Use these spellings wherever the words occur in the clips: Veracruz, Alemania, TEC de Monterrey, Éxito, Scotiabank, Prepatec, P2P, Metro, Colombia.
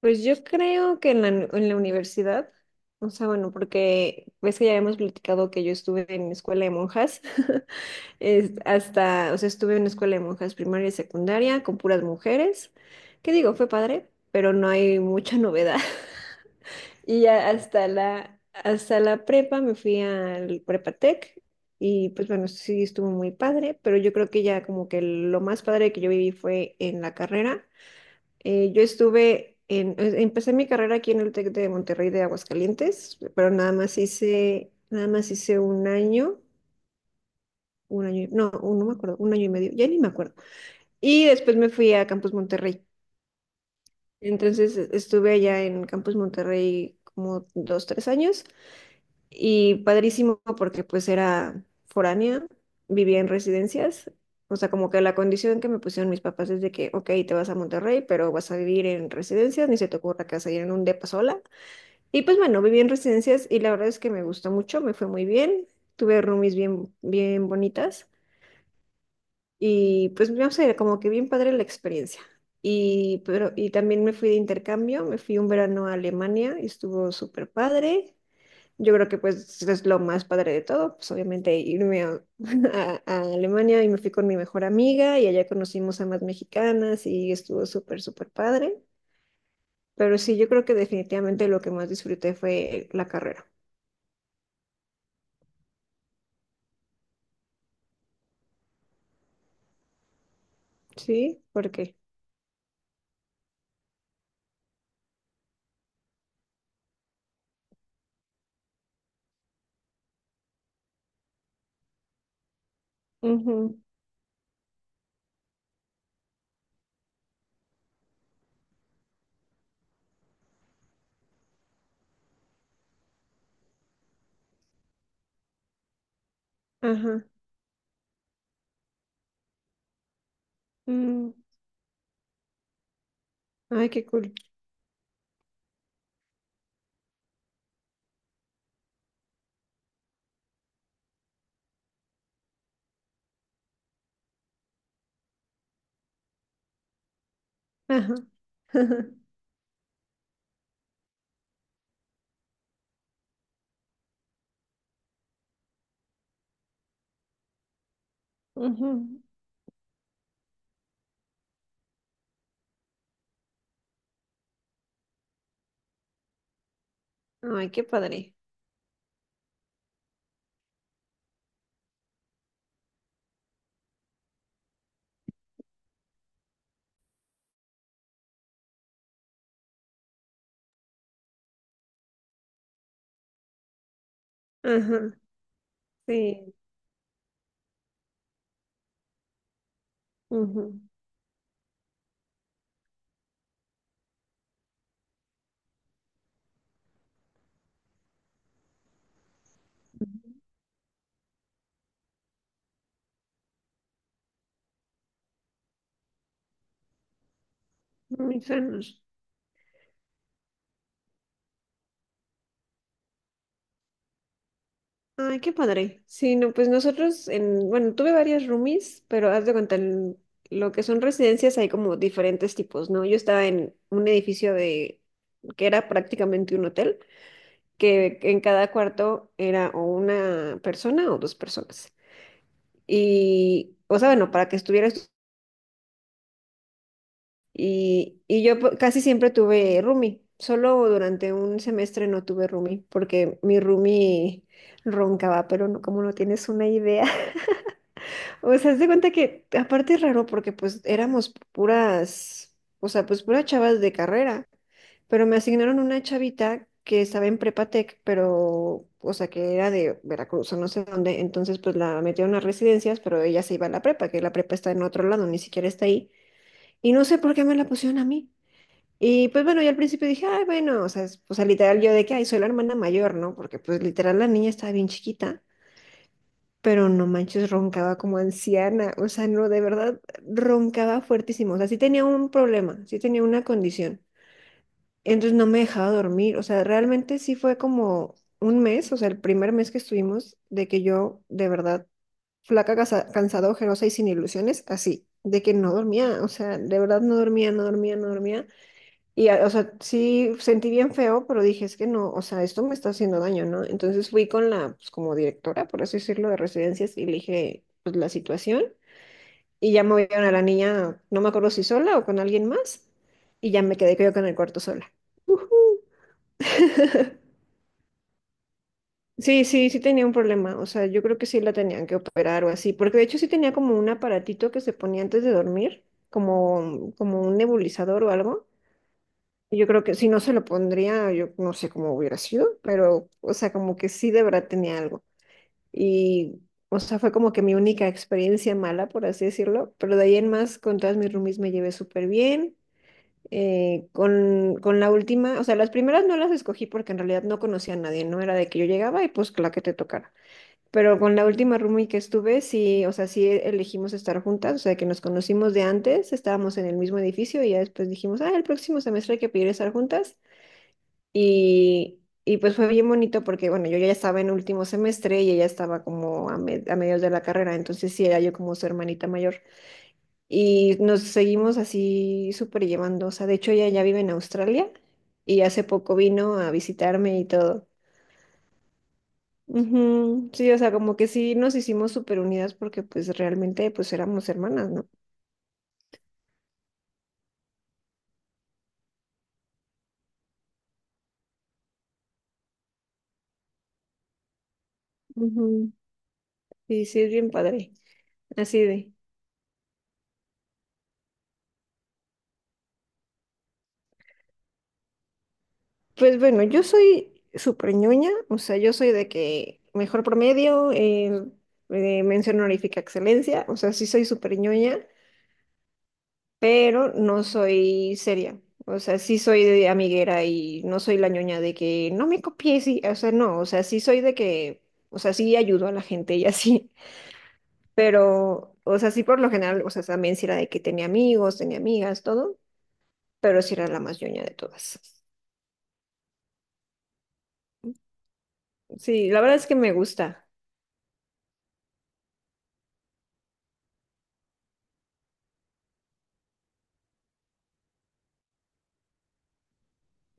Pues yo creo que en la universidad, o sea, bueno, porque ves que ya habíamos platicado que yo estuve en escuela de monjas, hasta, o sea, estuve en una escuela de monjas primaria y secundaria con puras mujeres, que digo, fue padre, pero no hay mucha novedad. Y ya hasta la prepa me fui al Prepatec y pues bueno, sí estuvo muy padre, pero yo creo que ya como que lo más padre que yo viví fue en la carrera. Yo estuve en, empecé mi carrera aquí en el TEC de Monterrey de Aguascalientes, pero nada más hice un año, no, no me acuerdo, un año y medio, ya ni me acuerdo. Y después me fui a Campus Monterrey. Entonces estuve allá en Campus Monterrey como dos, tres años y padrísimo porque pues era foránea, vivía en residencias. O sea, como que la condición que me pusieron mis papás es de que, ok, te vas a Monterrey, pero vas a vivir en residencias, ni se te ocurra que vas a ir en un depa sola. Y pues bueno, viví en residencias y la verdad es que me gustó mucho, me fue muy bien, tuve roomies bien, bien bonitas y pues no sé, como que bien padre la experiencia. Y, pero, y también me fui de intercambio, me fui un verano a Alemania y estuvo súper padre. Yo creo que pues es lo más padre de todo, pues obviamente irme a, a Alemania y me fui con mi mejor amiga y allá conocimos a más mexicanas y estuvo súper, súper padre. Pero sí, yo creo que definitivamente lo que más disfruté fue la carrera. Sí, ¿por qué? Ujú. Ajá. Mm. Ay, qué cool. Ajá. Ujú. Ay, qué padre. Ajá. Sí. Ujú. Muy sanos. Ay, qué padre. Sí, no, pues nosotros en, bueno, tuve varias roomies, pero haz de cuenta, en lo que son residencias hay como diferentes tipos, ¿no? Yo estaba en un edificio de que era prácticamente un hotel, que en cada cuarto era o una persona o dos personas. Y, o sea, bueno, para que estuvieras. Y yo casi siempre tuve roomie, solo durante un semestre no tuve roomie, porque mi roomie roncaba, pero no, como no tienes una idea. O sea, haz de cuenta que aparte es raro porque pues éramos puras, o sea, pues puras chavas de carrera, pero me asignaron una chavita que estaba en Prepatec, pero, o sea, que era de Veracruz o no sé dónde, entonces pues la metieron a residencias, pero ella se iba a la prepa, que la prepa está en otro lado, ni siquiera está ahí, y no sé por qué me la pusieron a mí. Y pues bueno, yo al principio dije, ay, bueno, o sea, o sea, literal yo de que, ay, soy la hermana mayor, ¿no? Porque pues literal la niña estaba bien chiquita, pero no manches, roncaba como anciana, o sea, no, de verdad, roncaba fuertísimo, o sea, sí tenía un problema, sí tenía una condición, entonces no me dejaba dormir, o sea, realmente sí fue como un mes, o sea, el primer mes que estuvimos, de que yo, de verdad, flaca, cansada, ojerosa y sin ilusiones, así, de que no dormía, o sea, de verdad no dormía, no dormía, no dormía. Y, o sea, sí sentí bien feo, pero dije, es que no, o sea, esto me está haciendo daño, ¿no? Entonces fui con la, pues como directora, por así decirlo, de residencias y le dije, pues la situación. Y ya movieron a la niña, no me acuerdo si sola o con alguien más. Y ya me quedé yo con el cuarto sola. Ujú. Sí, sí, sí tenía un problema. O sea, yo creo que sí la tenían que operar o así, porque de hecho sí tenía como un aparatito que se ponía antes de dormir, como, como un nebulizador o algo. Yo creo que si no se lo pondría, yo no sé cómo hubiera sido, pero, o sea, como que sí de verdad tenía algo. Y, o sea, fue como que mi única experiencia mala, por así decirlo, pero de ahí en más, con todas mis roomies me llevé súper bien. Con la última, o sea, las primeras no las escogí porque en realidad no conocía a nadie, no era de que yo llegaba y pues la que te tocara. Pero con la última roomie que estuve, sí, o sea, sí elegimos estar juntas, o sea, que nos conocimos de antes, estábamos en el mismo edificio y ya después dijimos, ah, el próximo semestre hay que pedir estar juntas y pues fue bien bonito porque, bueno, yo ya estaba en último semestre y ella estaba como a, a mediados de la carrera, entonces sí era yo como su hermanita mayor. Y nos seguimos así súper llevando, o sea, de hecho ella ya vive en Australia y hace poco vino a visitarme y todo. Ujú. Sí, o sea, como que sí nos hicimos súper unidas porque pues realmente pues éramos hermanas, ¿no? Ujú. Sí, sí, es bien padre, así de. Pues bueno, yo soy súper ñoña, o sea, yo soy de que mejor promedio, mención honorífica excelencia, o sea, sí soy súper ñoña, pero no soy seria, o sea, sí soy de amiguera y no soy la ñoña de que no me copies, y, o sea, no, o sea, sí soy de que, o sea, sí ayudo a la gente y así, pero, o sea, sí por lo general, o sea, también sí era de que tenía amigos, tenía amigas, todo, pero sí era la más ñoña de todas. Sí, la verdad es que me gusta.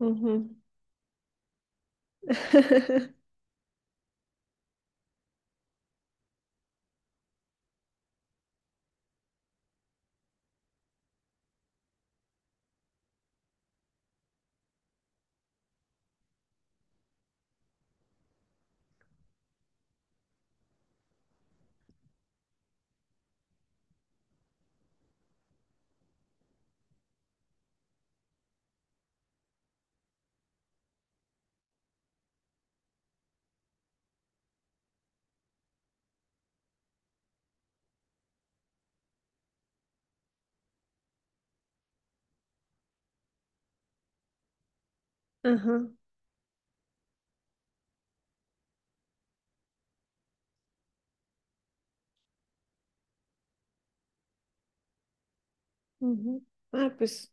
Ujú. Ajá, ujú. Ah, pues,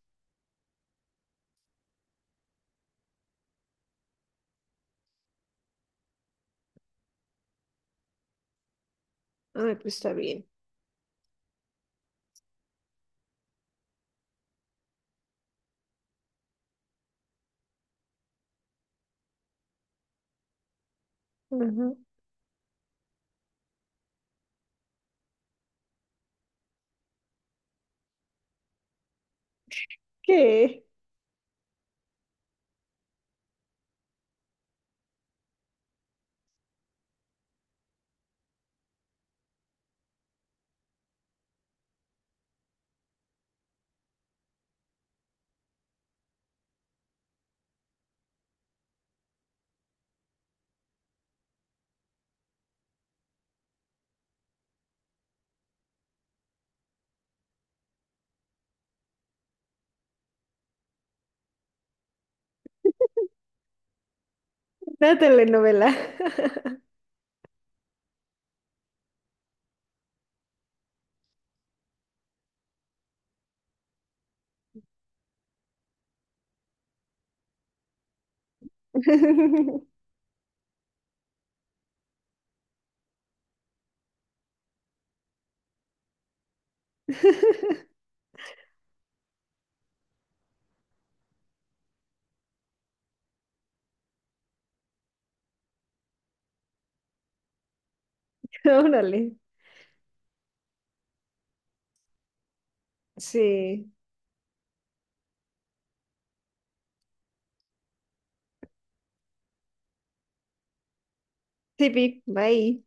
ah, pues está bien. Ajá. ¿Qué? Una telenovela. Órale. Sí. Sí, vi. Bye.